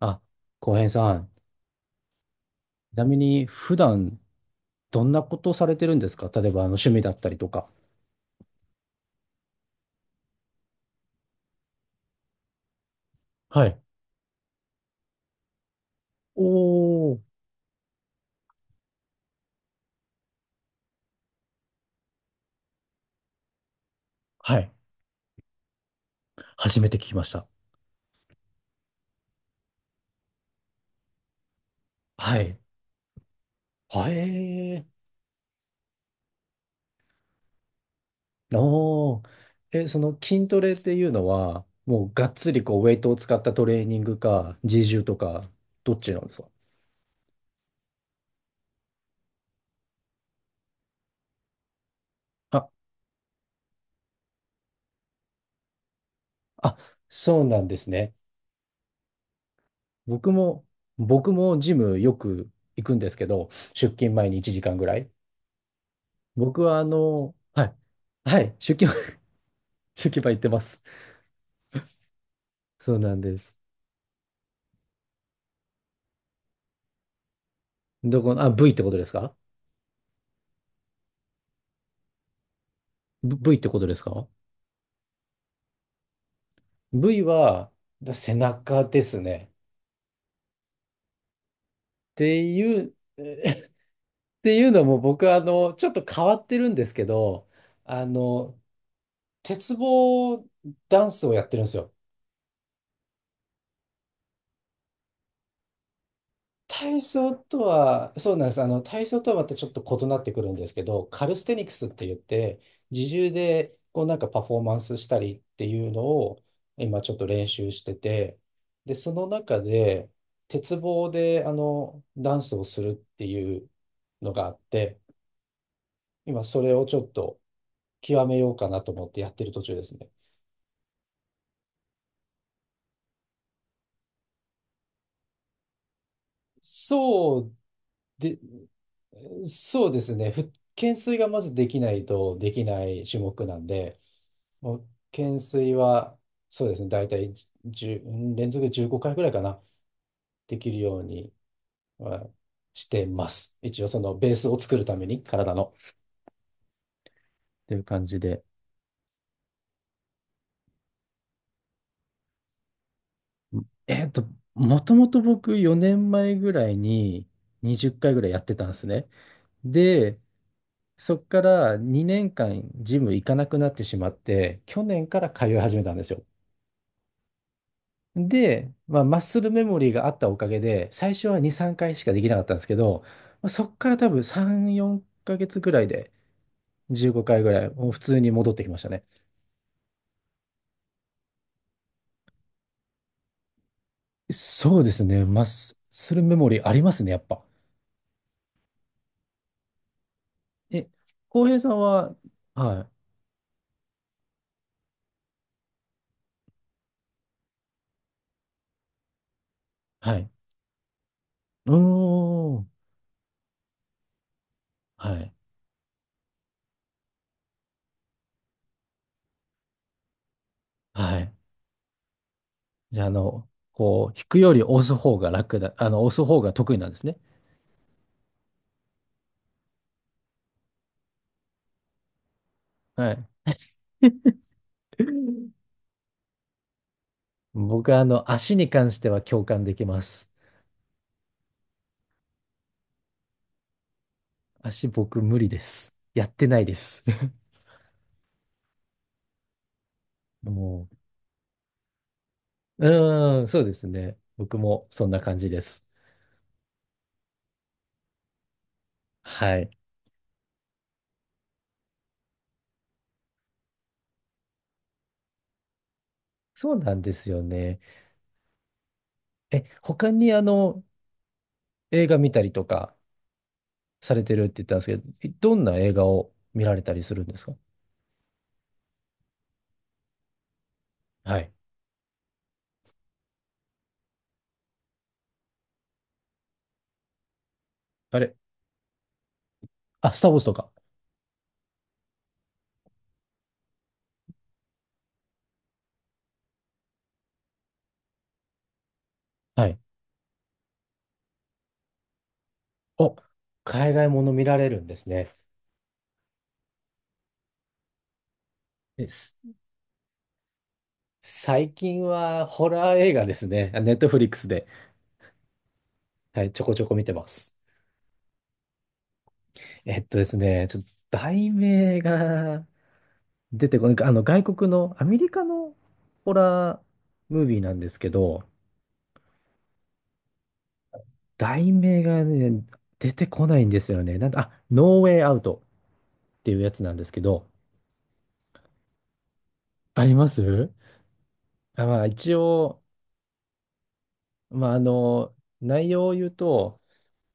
あ、浩平さん、ちなみに普段どんなことされてるんですか？例えば趣味だったりとか。はい。おー。はい。初めて聞きました。はい。はえー。おー。え、その筋トレっていうのは、もうがっつりこうウェイトを使ったトレーニングか、自重とか、どっちなんですか？あ、あ、そうなんですね。僕も、僕もジムよく行くんですけど、出勤前に1時間ぐらい。僕ははい。はい、焼き場行ってます。そうなんです。どこの、あ、V ってことですか？ v ってことですか v は、背中ですね。っていう、っていうのも僕はちょっと変わってるんですけど、あの、鉄棒ダンスをやってるんですよ。体操とは、そうなんです。体操とはまたちょっと異なってくるんですけど、カルステニクスって言って、自重でこうなんかパフォーマンスしたりっていうのを今ちょっと練習してて、で、その中で、鉄棒でダンスをするっていうのがあって、今それをちょっと極めようかなと思ってやってる途中ですね。そうで、そうですね。懸垂がまずできないとできない種目なんで、もう懸垂は、そうですね、大体10、連続15回ぐらいかな、できるようにはしてます。一応そのベースを作るために、体の。っていう感じで。えっと、もともと僕4年前ぐらいに20回ぐらいやってたんですね。で、そっから2年間ジム行かなくなってしまって、去年から通い始めたんですよ。で、まあ、マッスルメモリーがあったおかげで、最初は2、3回しかできなかったんですけど、まあ、そっから多分3、4ヶ月ぐらいで15回ぐらい、もう普通に戻ってきましたね。そうですね、マッスルメモリーありますね、やっぱ。え、浩平さんは、はい、はい、うーん、はい、はい。じゃあ、こう、引くより押す方が楽だ、押す方が得意なんですね。はい。僕は、足に関しては共感できます。足僕無理です。やってないです。もう、うーん、そうですね。僕もそんな感じです。はい。そうなんですよね。え、他に映画見たりとかされてるって言ったんですけど、どんな映画を見られたりするんですか？はい。あれあ、スター・ウォーズとか。はい。お、海外もの見られるんですね。え、す最近はホラー映画ですね。ネットフリックスで、はい、ちょこちょこ見てます。えっとですね、ちょっと題名が出てこない、外国のアメリカのホラームービーなんですけど、題名がね、出てこないんですよね。なんだ、あ、ノーウェイアウトっていうやつなんですけど、ありますまあ一応、まあ内容を言うと、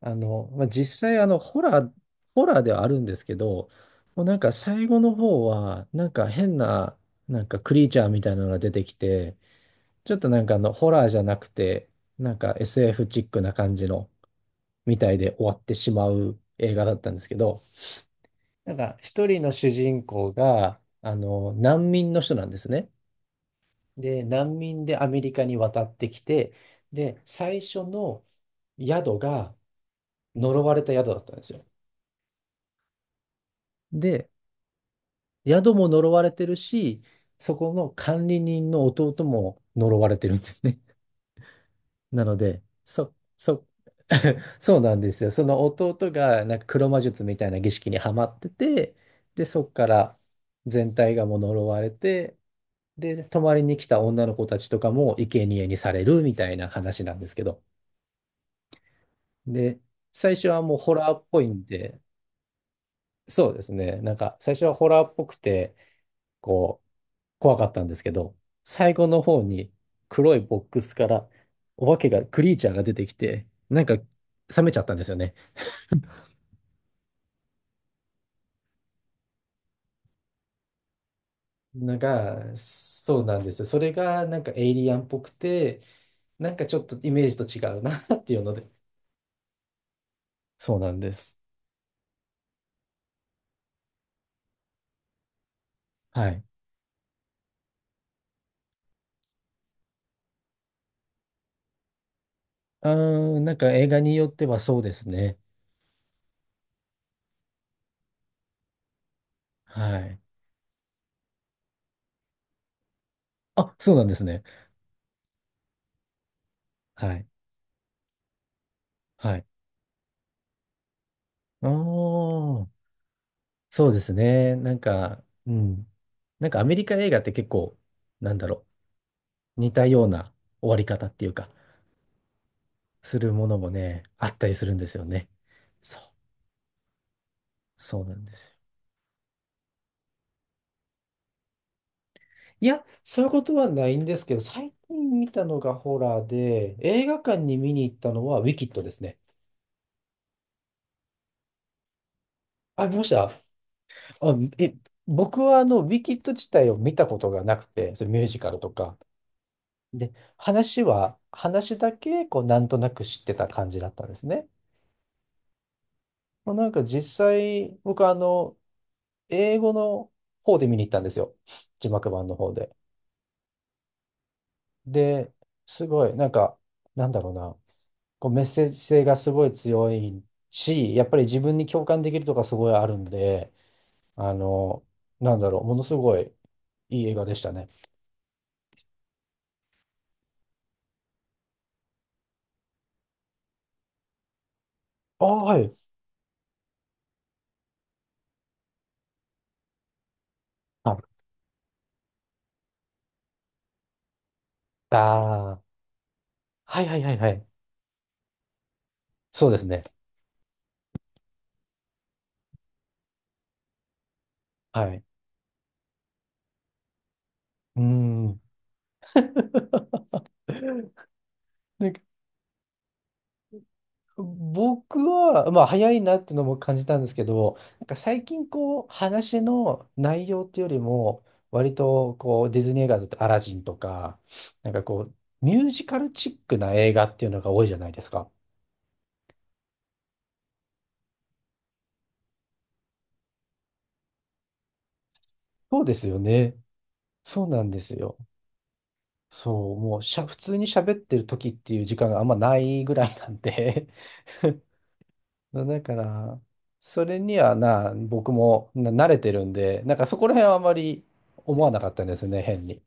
まあ実際ホラーではあるんですけど、もうなんか最後の方は、なんか変な、なんかクリーチャーみたいなのが出てきて、ちょっとなんかホラーじゃなくて、なんか SF チックな感じの、みたいで終わってしまう映画だったんですけど、なんか一人の主人公が、難民の人なんですね。で、難民でアメリカに渡ってきて、で、最初の宿が呪われた宿だったんですよ。で、宿も呪われてるし、そこの管理人の弟も呪われてるんですね。なので、そうなんですよ。その弟がなんか黒魔術みたいな儀式にはまってて、で、そっから全体がもう呪われて、で、泊まりに来た女の子たちとかも生贄にされるみたいな話なんですけど。で、最初はもうホラーっぽいんで、そうですね。なんか最初はホラーっぽくて、こう、怖かったんですけど、最後の方に黒いボックスからお化けが、クリーチャーが出てきて、なんか冷めちゃったんですよね。そうなんですよ。それがなんかエイリアンっぽくて、なんかちょっとイメージと違うな っていうので。そうなんです。はい。うーん、なんか映画によってはそうですね。はい。あ、そうなんですね。はい。はい。あー、そうですね。なんか、うん。なんかアメリカ映画って結構、なんだろう、似たような終わり方っていうか、するものもね、あったりするんですよね。そう、そうなんですよ。いや、そういうことはないんですけど、最近見たのがホラーで、映画館に見に行ったのはウィキッドですね。あ、見ました？あ、え、僕はウィキッド自体を見たことがなくて、それミュージカルとか。で、話だけ、こう、なんとなく知ってた感じだったんですね。まあ、なんか実際、僕英語の方で見に行ったんですよ。字幕版の方で。で、すごい、なんか、なんだろうな。こうメッセージ性がすごい強いし、やっぱり自分に共感できるとかすごいあるんで、あの、なんだろう、ものすごいいい映画でしたね。ああ、はい。ああー、はいはいはいはい。そうですね。はい。うーん。なん僕は、まあ、早いなっていうのも感じたんですけど、なんか最近こう、話の内容っていうよりも、割とこう、ディズニー映画だとアラジンとか、なんかこう、ミュージカルチックな映画っていうのが多いじゃないですか。そうですよね。そうなんですよ。そう、もうしゃ、普通に喋ってる時っていう時間があんまないぐらいなんで だから、それにはな、僕もな慣れてるんで、なんかそこら辺はあまり思わなかったんですね、変に。